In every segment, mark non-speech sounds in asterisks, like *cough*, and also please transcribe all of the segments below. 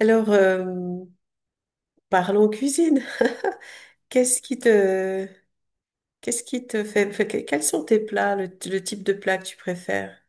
Alors, parlons cuisine. *laughs* Qu'est-ce qui te, qu'est-ce qui te fait, fait que- quels sont tes plats, le type de plat que tu préfères?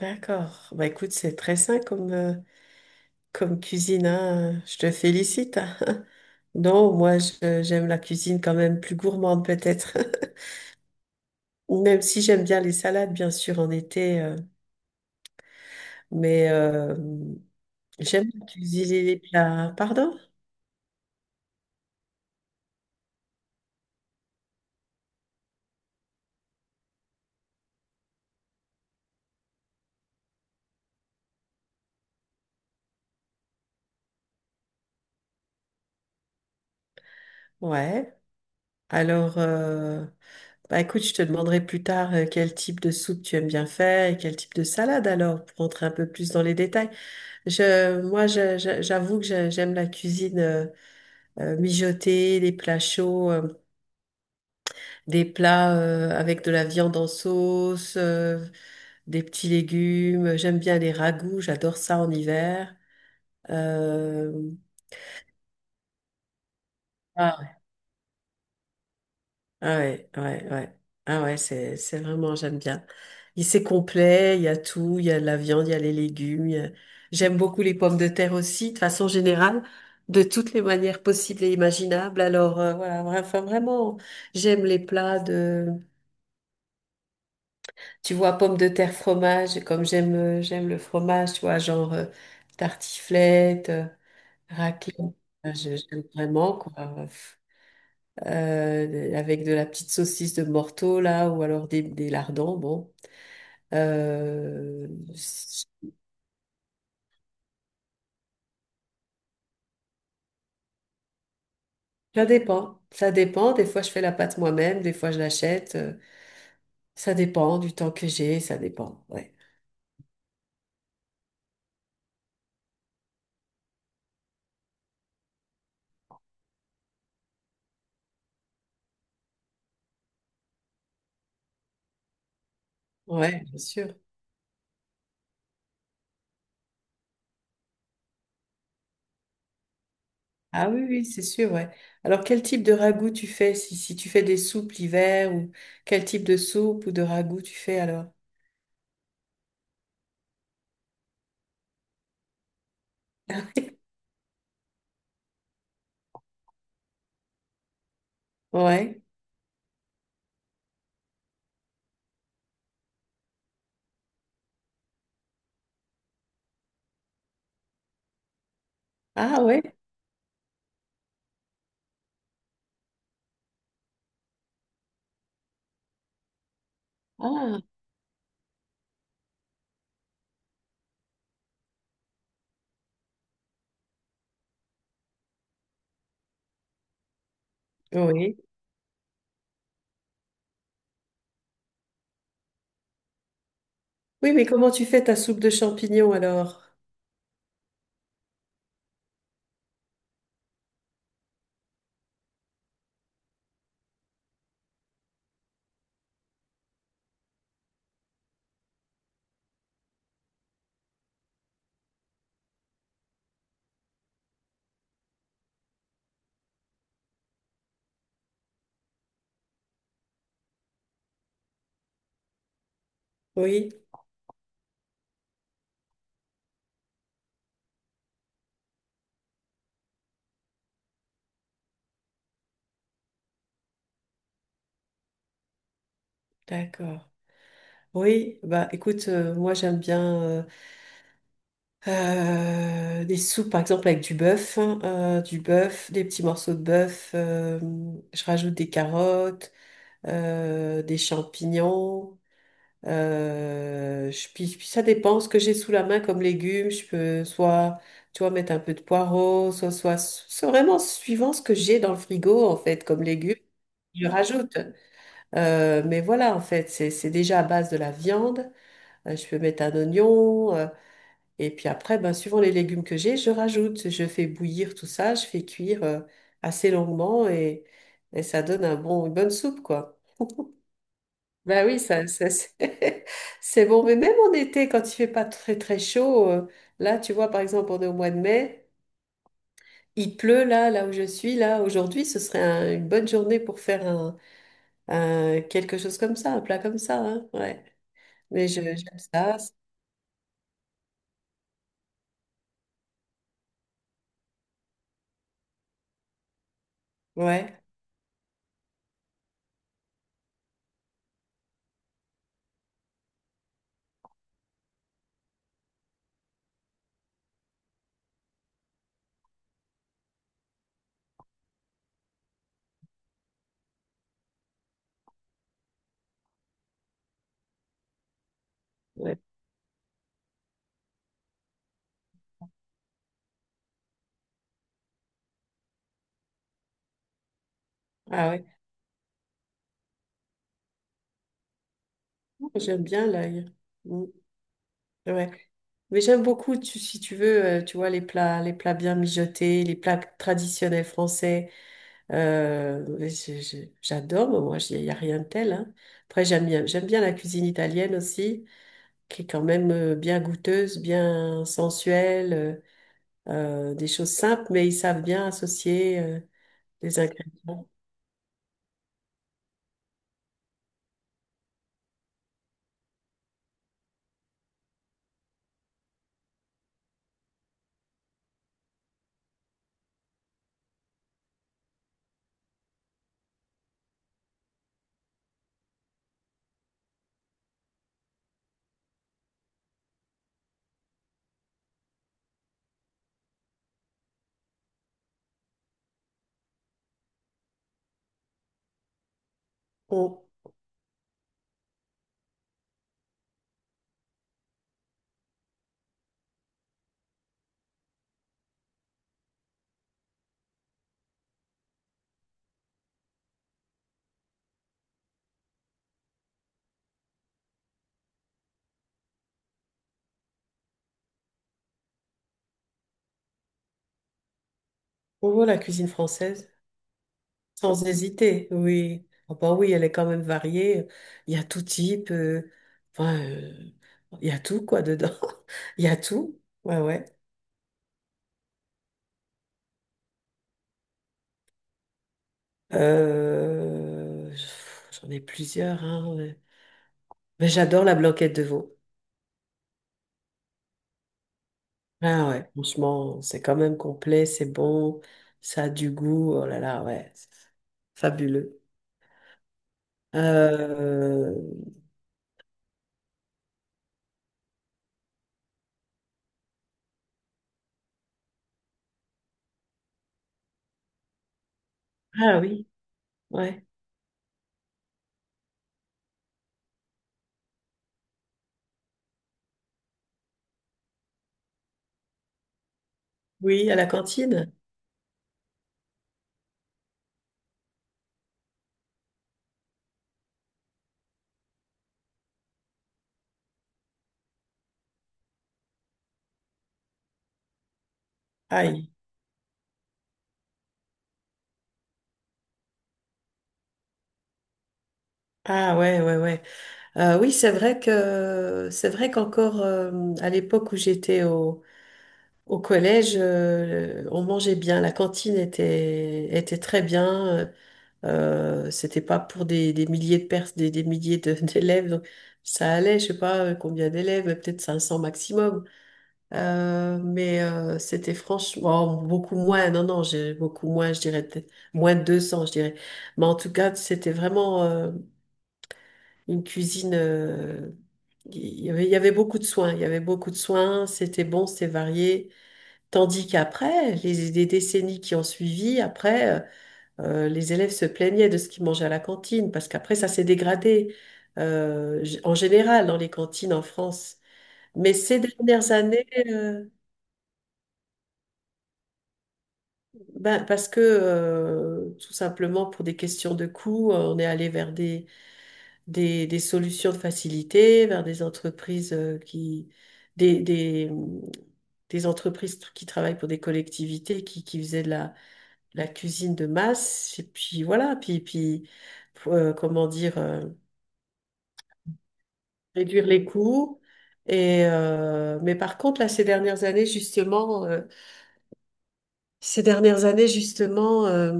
D'accord. Bah écoute, c'est très sain comme cuisine, hein. Je te félicite. *laughs* Non, moi, j'aime la cuisine quand même plus gourmande peut-être. *laughs* Même si j'aime bien les salades, bien sûr, en été, mais j'aime cuisiner les plats. Pardon? Ouais. Alors. Bah écoute, je te demanderai plus tard quel type de soupe tu aimes bien faire et quel type de salade alors, pour rentrer un peu plus dans les détails. Moi, j'avoue que j'aime la cuisine mijotée, les plats chauds, des plats avec de la viande en sauce, des petits légumes. J'aime bien les ragoûts, j'adore ça en hiver. Euh, Ah ouais, ouais, ouais. Ah ouais, c'est vraiment, j'aime bien. Il C'est complet, il y a tout, il y a de la viande, il y a les légumes. J'aime beaucoup les pommes de terre aussi, de façon générale, de toutes les manières possibles et imaginables. Alors voilà, enfin, vraiment, j'aime les plats de, tu vois, pommes de terre, fromage, comme j'aime le fromage, tu vois, genre tartiflette, raclette. J'aime vraiment, quoi. Avec de la petite saucisse de Morteau là, ou alors des lardons. Bon, Euh, ça dépend. Ça dépend. Des fois, je fais la pâte moi-même. Des fois, je l'achète. Ça dépend du temps que j'ai. Ça dépend. Ouais. Ouais, bien sûr. Ah oui, oui, c'est sûr. Ouais. Alors, quel type de ragoût tu fais? Si, si tu fais des soupes l'hiver ou quel type de soupe ou de ragoût tu fais alors? *laughs* Ouais. Ah ouais. Ah oui. Oui, mais comment tu fais ta soupe de champignons alors? Oui. D'accord. Oui, bah écoute, moi j'aime bien des soupes par exemple avec du bœuf, hein, du bœuf, des petits morceaux de bœuf, je rajoute des carottes, des champignons, puis ça dépend ce que j'ai sous la main comme légumes, je peux soit, tu vois, mettre un peu de poireaux, c'est vraiment suivant ce que j'ai dans le frigo en fait comme légumes. Je rajoute. Mais voilà, en fait, c'est déjà à base de la viande. Je peux mettre un oignon. Et puis après, ben, suivant les légumes que j'ai, je rajoute. Je fais bouillir tout ça. Je fais cuire assez longuement et ça donne un bon, une bonne soupe, quoi. Ben oui, c'est *laughs* c'est bon. Mais même en été, quand il fait pas très très chaud, là, tu vois, par exemple, on est au mois de mai. Il pleut là, là où je suis, là, aujourd'hui, ce serait une bonne journée pour faire quelque chose comme ça, un plat comme ça, hein, ouais. Mais j'aime ça, ouais, ouais. Ah ouais. J'aime bien l'ail. Mm. Ouais. Mais j'aime beaucoup, si tu veux, tu vois, les plats bien mijotés, les plats traditionnels français. Ouais, j'adore, moi, il n'y a rien de tel. Hein. Après, j'aime bien la cuisine italienne aussi, qui est quand même bien goûteuse, bien sensuelle, euh, des choses simples, mais ils savent bien associer les ingrédients. On, on voit la cuisine française. Sans hésiter, oui. Ah bah oui, elle est quand même variée. Il y a tout type. Enfin, il y a tout, quoi, dedans. *laughs* Il y a tout. Ouais, ouais. Euh, J'en ai plusieurs, hein, ouais. Mais j'adore la blanquette de veau. Ah ouais, franchement, c'est quand même complet, c'est bon, ça a du goût. Oh là là, ouais, c'est fabuleux. Euh, ah oui, ouais. Oui, à la cantine. Aïe. Ah ouais, ouais, ouais. Oui, c'est vrai qu'encore à l'époque où j'étais au collège, on mangeait bien. La cantine était très bien. C'était pas pour des milliers de pers des milliers de- *laughs* d'élèves, donc ça allait. Je sais pas combien d'élèves, mais peut-être 500 maximum. Mais c'était franchement oh, beaucoup moins. Non, non, j'ai beaucoup moins. Je dirais peut-être moins de 200, je dirais. Mais en tout cas, c'était vraiment. Une cuisine. Il y avait beaucoup de soins. Il y avait beaucoup de soins. C'était bon, c'était varié. Tandis qu'après, les décennies qui ont suivi, après, les élèves se plaignaient de ce qu'ils mangeaient à la cantine parce qu'après, ça s'est dégradé en général dans les cantines en France. Mais ces dernières années, ben, parce que tout simplement pour des questions de coût, on est allé vers des solutions de facilité vers des entreprises des, des, hum, qui travaillent pour des collectivités qui faisaient de la cuisine de masse. Et puis voilà, puis comment dire, réduire les coûts. Et mais par contre, là, ces dernières années, justement, euh,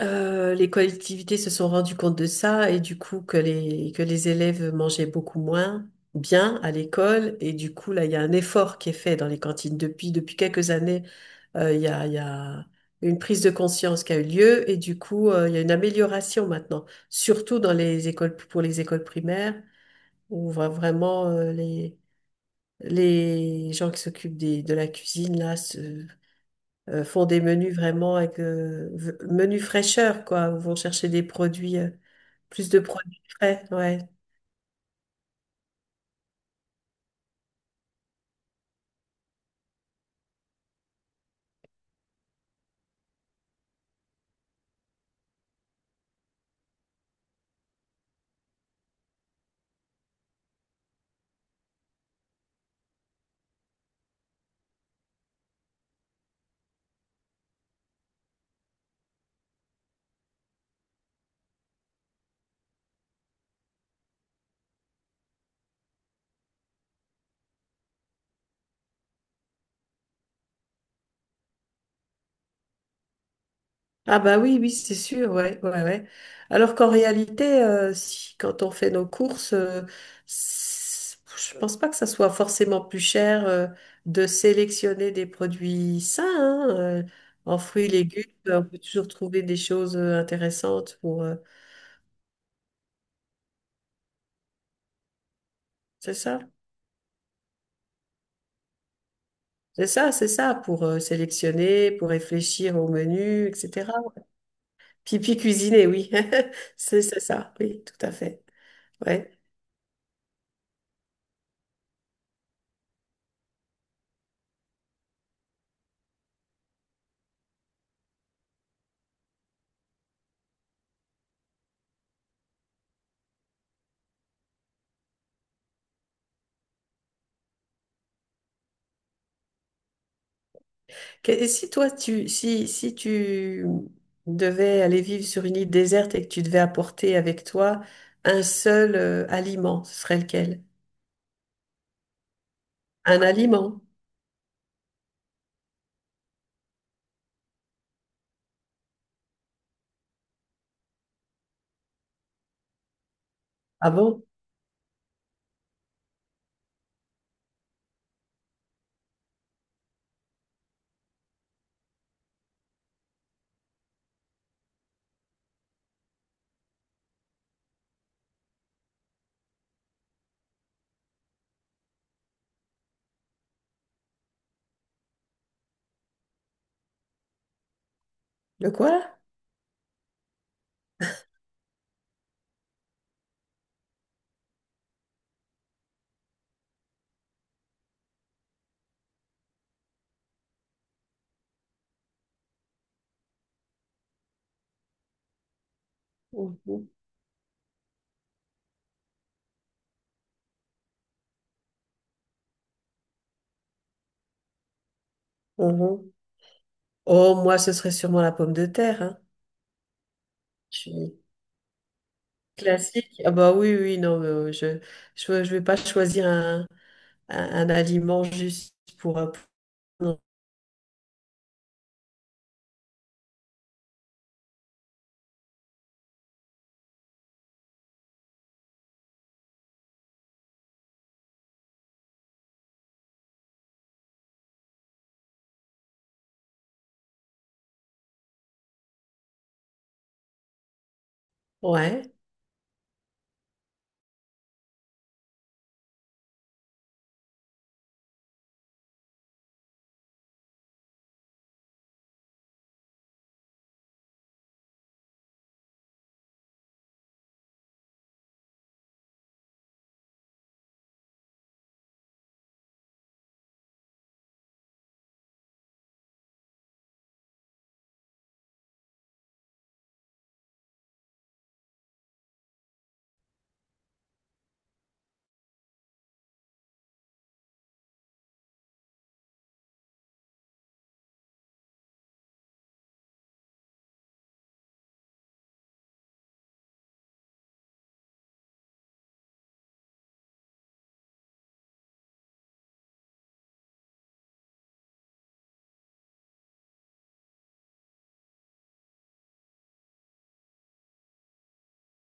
Euh, les collectivités se sont rendues compte de ça et du coup que que les élèves mangeaient beaucoup moins bien à l'école et du coup là il y a un effort qui est fait dans les cantines depuis quelques années il y a une prise de conscience qui a eu lieu et du coup il y a une amélioration maintenant surtout dans les écoles pour les écoles primaires où on voit vraiment les gens qui s'occupent de la cuisine là font des menus vraiment avec menus fraîcheur, quoi, où vont chercher des produits, plus de produits frais, ouais. Ah bah oui, oui, c'est sûr, ouais, ouais, ouais. Alors qu'en réalité, si, quand on fait nos courses, c'est- je pense pas que ça soit forcément plus cher de sélectionner des produits sains, hein, en fruits et légumes, on peut toujours trouver des choses intéressantes c'est ça? C'est ça, c'est ça, pour sélectionner, pour réfléchir au menu, etc. Puis cuisiner, oui. *laughs* C'est ça, oui, tout à fait. Ouais. Et si tu devais aller vivre sur une île déserte et que tu devais apporter avec toi un seul aliment, ce serait lequel? Un aliment. Ah bon? Le quoi? Mhm. Mhm. Oh, moi, ce serait sûrement la pomme de terre. Hein. Classique. Ah bah oui, oui, non, mais, je vais pas choisir un aliment juste pour- Ouais.